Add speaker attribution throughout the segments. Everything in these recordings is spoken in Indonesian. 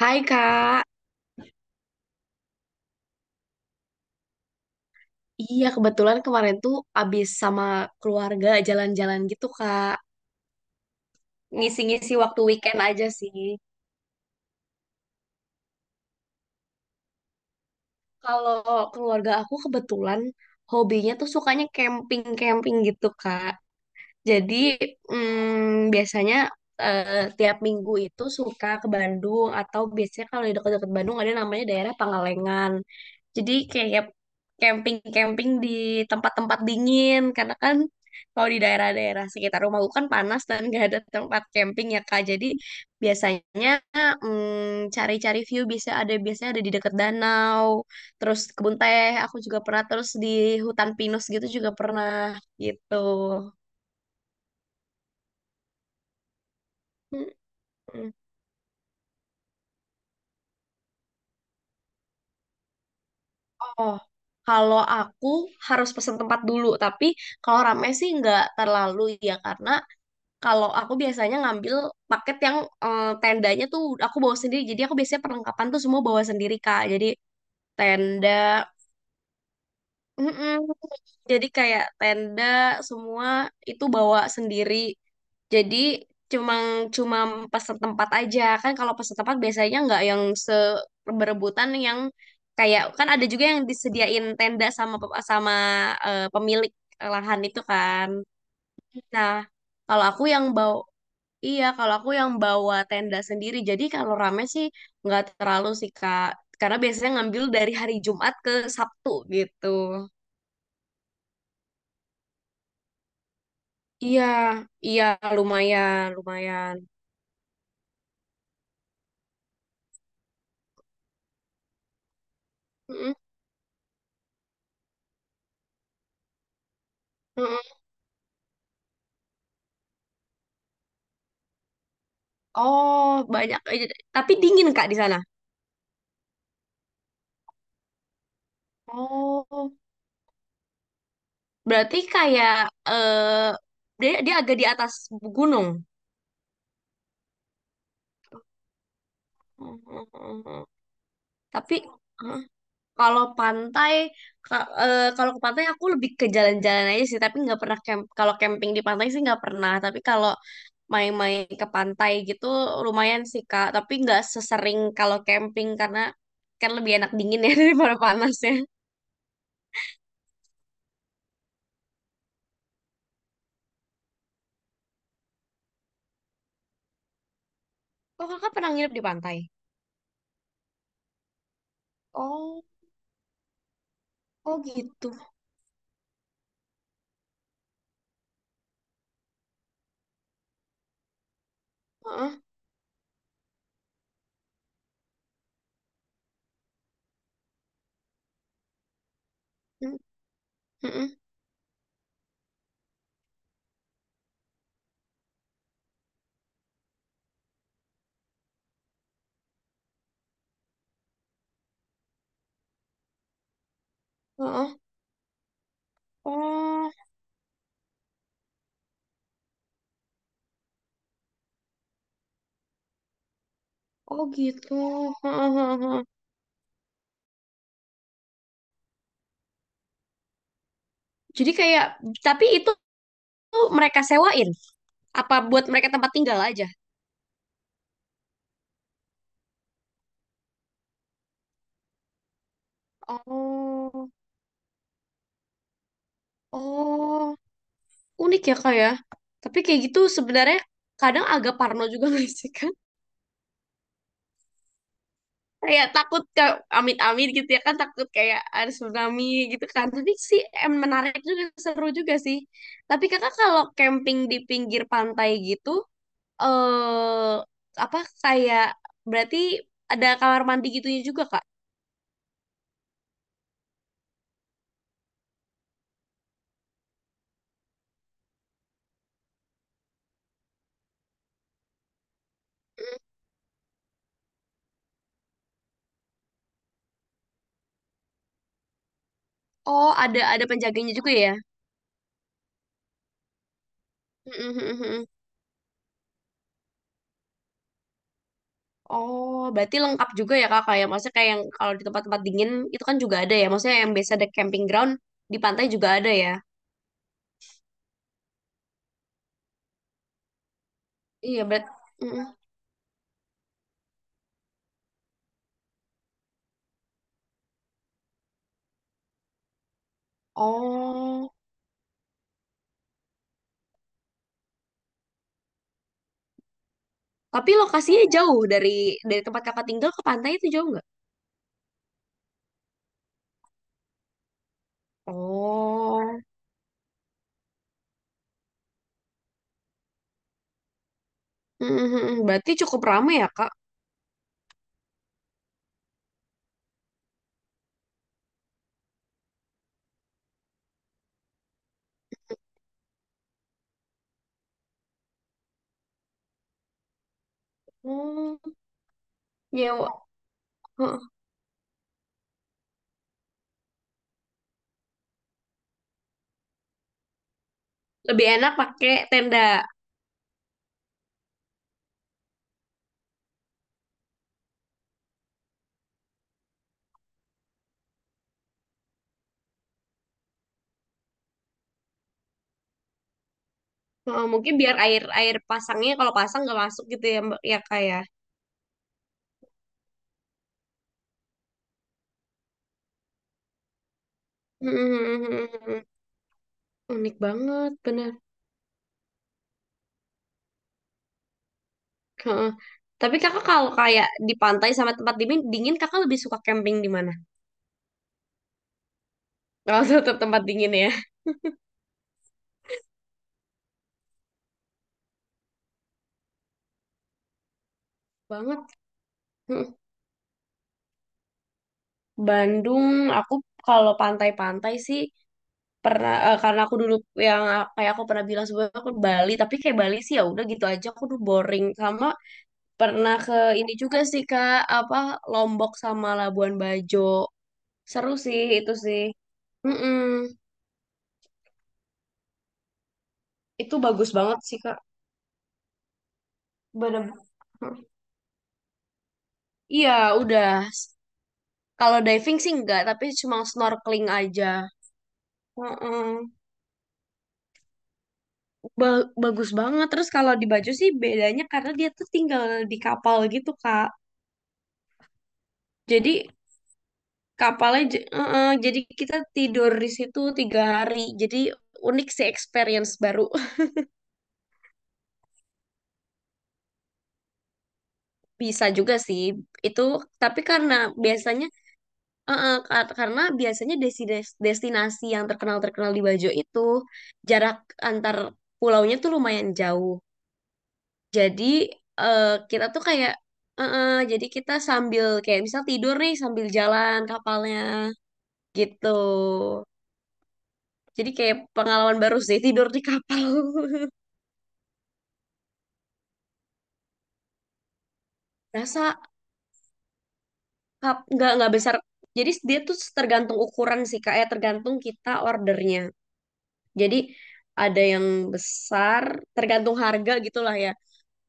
Speaker 1: Hai Kak, iya kebetulan kemarin tuh abis sama keluarga jalan-jalan gitu Kak, ngisi-ngisi waktu weekend aja sih. Kalau keluarga aku kebetulan hobinya tuh sukanya camping-camping gitu Kak. Jadi biasanya eh, tiap minggu itu suka ke Bandung atau biasanya kalau di dekat-dekat Bandung ada namanya daerah Pangalengan. Jadi kayak camping-camping di tempat-tempat dingin karena kan kalau di daerah-daerah sekitar rumahku kan panas dan gak ada tempat camping ya Kak. Jadi biasanya cari-cari view bisa ada biasanya ada di dekat danau, terus kebun teh. Aku juga pernah terus di hutan pinus gitu juga pernah gitu. Mm. Oh, kalau aku harus pesen tempat dulu, tapi kalau rame sih nggak terlalu ya karena kalau aku biasanya ngambil paket tendanya tuh aku bawa sendiri. Jadi aku biasanya perlengkapan tuh semua bawa sendiri Kak. Jadi tenda, mm-mm. Jadi kayak tenda semua itu bawa sendiri. Jadi cuma cuma pesen tempat aja kan kalau pesen tempat biasanya nggak yang se berebutan yang kayak kan ada juga yang disediain tenda sama pe- sama eh, pemilik lahan itu kan. Nah, kalau aku yang bawa iya, kalau aku yang bawa tenda sendiri. Jadi kalau rame sih nggak terlalu sih Kak. Karena biasanya ngambil dari hari Jumat ke Sabtu gitu. Iya, iya lumayan, lumayan. Mm-mm, mm-mm. Oh, banyak aja. Tapi dingin Kak di sana. Oh, berarti kayak eh dia dia agak di atas gunung. Mm-mm. Tapi eh, kalau pantai kalau ke pantai aku lebih ke jalan-jalan aja sih, tapi nggak pernah camp. Kalau camping di pantai sih nggak pernah. Tapi kalau main-main ke pantai gitu lumayan sih Kak, tapi nggak sesering kalau camping karena kan lebih enak dingin ya daripada panasnya. Oh, Kakak pernah nginep di pantai? Oh, oh gitu. Heeh. Mm, mm-mm, heeh. Oh, oh gitu. Heeh, heeh, heeh. Jadi kayak tapi itu tuh mereka sewain apa buat mereka tempat tinggal aja? Oh, oh, unik ya Kak ya. Tapi kayak gitu sebenarnya kadang agak parno juga nggak sih Kak? Kayak takut ke amit-amit gitu ya kan, takut kayak ada tsunami gitu kan. Tapi sih menarik juga, seru juga sih. Tapi Kakak kalau camping di pinggir pantai gitu, eh apa kayak berarti ada kamar mandi gitunya juga Kak? Mm. Oh, ada penjaganya juga ya. Mm-mm-mm-mm. Oh, berarti lengkap juga ya Kak, kayak maksudnya kayak yang kalau di tempat-tempat dingin itu kan juga ada ya, maksudnya yang biasa ada camping ground di pantai juga ada ya. Iya, berarti. Oh, tapi lokasinya jauh dari tempat kakak tinggal ke pantai itu, jauh nggak? Oh, mhm, berarti cukup ramai ya Kak? Hmm, nyewa. Heeh. Lebih enak pakai tenda. Heeh, mungkin biar air air pasangnya kalau pasang nggak masuk gitu ya mbak ya kak ya. Mhm, unik banget bener. Heeh. Tapi Kakak kalau kayak di pantai sama tempat dingin, dingin Kakak lebih suka camping di mana? Kalau tetap tempat dingin ya. Banget. Heeh. Bandung, aku kalau pantai-pantai sih pernah, karena aku dulu yang kayak aku pernah bilang sebelumnya aku ke Bali. Tapi kayak Bali sih ya udah gitu aja, aku tuh boring sama. Pernah ke ini juga sih Kak, apa, Lombok sama Labuan Bajo, seru sih itu sih. Mm-mm. Itu bagus banget sih Kak, bener. Iya, udah. Kalau diving sih enggak, tapi cuma snorkeling aja. Mm-mm. Bagus banget. Terus kalau di Bajo sih bedanya karena dia tuh tinggal di kapal gitu Kak, jadi kapalnya, heeh, jadi kita tidur di situ 3 hari. Jadi unik sih experience baru. Bisa juga sih itu, tapi karena biasanya, heeh, karena biasanya destinasi yang terkenal-terkenal di Bajo itu jarak antar pulaunya tuh lumayan jauh. Jadi kita tuh kayak, heeh, jadi kita sambil kayak misal tidur nih sambil jalan kapalnya gitu. Jadi kayak pengalaman baru sih tidur di kapal. Berasa Cup nggak besar. Jadi dia tuh tergantung ukuran sih Kak, ya tergantung kita ordernya. Jadi ada yang besar, tergantung harga gitulah ya.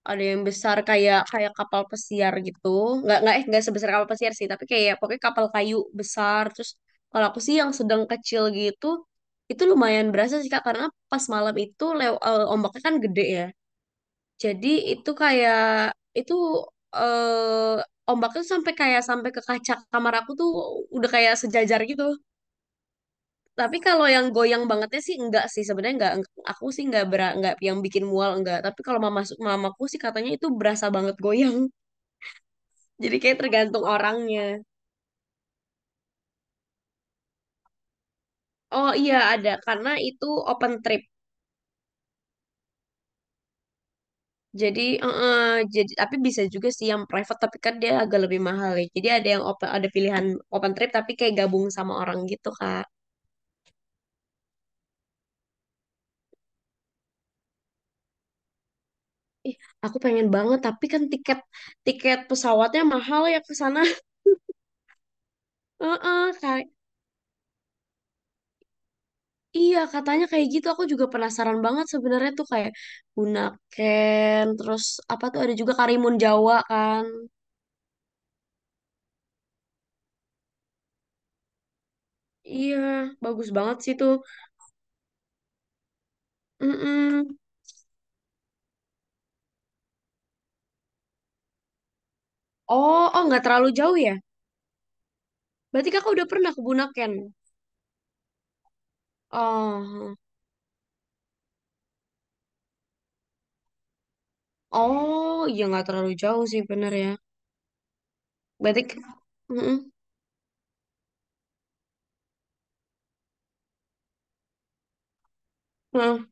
Speaker 1: Ada yang besar kayak kayak kapal pesiar gitu. Nggak sebesar kapal pesiar sih, tapi kayak pokoknya kapal kayu besar. Terus kalau aku sih yang sedang kecil gitu, itu lumayan berasa sih Kak karena pas malam itu ombaknya kan gede ya. Jadi itu itu ombaknya tuh sampai kayak sampai ke kaca kamar aku tuh udah kayak sejajar gitu. Tapi kalau yang goyang bangetnya sih enggak sih sebenarnya enggak aku sih enggak enggak yang bikin mual enggak. Tapi kalau mama masuk mamaku sih katanya itu berasa banget goyang. Jadi kayak tergantung orangnya. Oh iya ada karena itu open trip. Jadi eh, eh, jadi tapi bisa juga sih yang private tapi kan dia agak lebih mahal ya. Jadi ada yang open ada pilihan open trip tapi kayak gabung sama orang gitu, Kak. Ih, aku pengen banget, tapi kan tiket tiket pesawatnya mahal ya ke sana. Heeh, kayak iya katanya kayak gitu. Aku juga penasaran banget sebenarnya tuh kayak Bunaken, terus apa tuh ada juga Karimun Jawa kan. Iya, bagus banget sih tuh. Mm-mm. Oh, oh nggak terlalu jauh ya? Berarti kakak udah pernah ke Bunaken? Oh, oh iya nggak terlalu jauh sih bener ya. Berarti, mm-mm. Nah,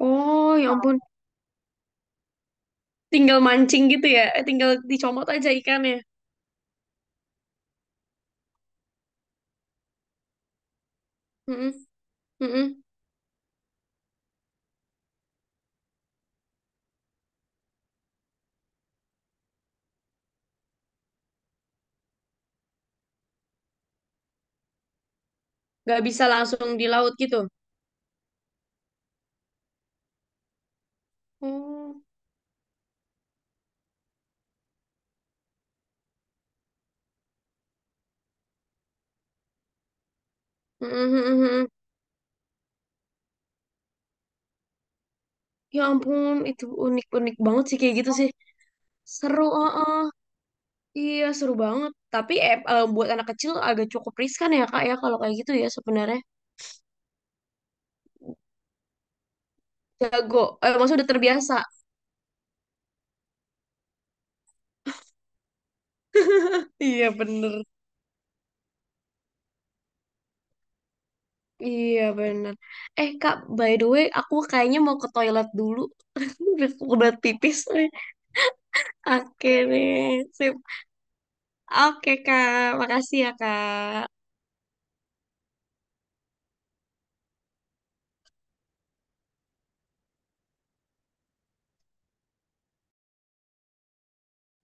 Speaker 1: oh, ya ampun. Tinggal mancing gitu ya, eh, tinggal dicomot aja ikannya. Mm-mm, mm-mm. Nggak bisa langsung di laut gitu. Oh, mm-mm, mm-mm, mm-mm. Ya ampun, itu unik-unik banget sih kayak gitu sih. Seru, iya, seru banget. Tapi buat anak kecil agak cukup riskan ya, Kak, ya kalau kayak gitu ya sebenarnya. Jago, eh, maksudnya udah terbiasa. Iya, bener. Iya, bener. Eh, Kak, by the way, aku kayaknya mau ke toilet dulu. Udah udah pipis. Oke deh, sip. Oke, Kak. Makasih ya, Kak.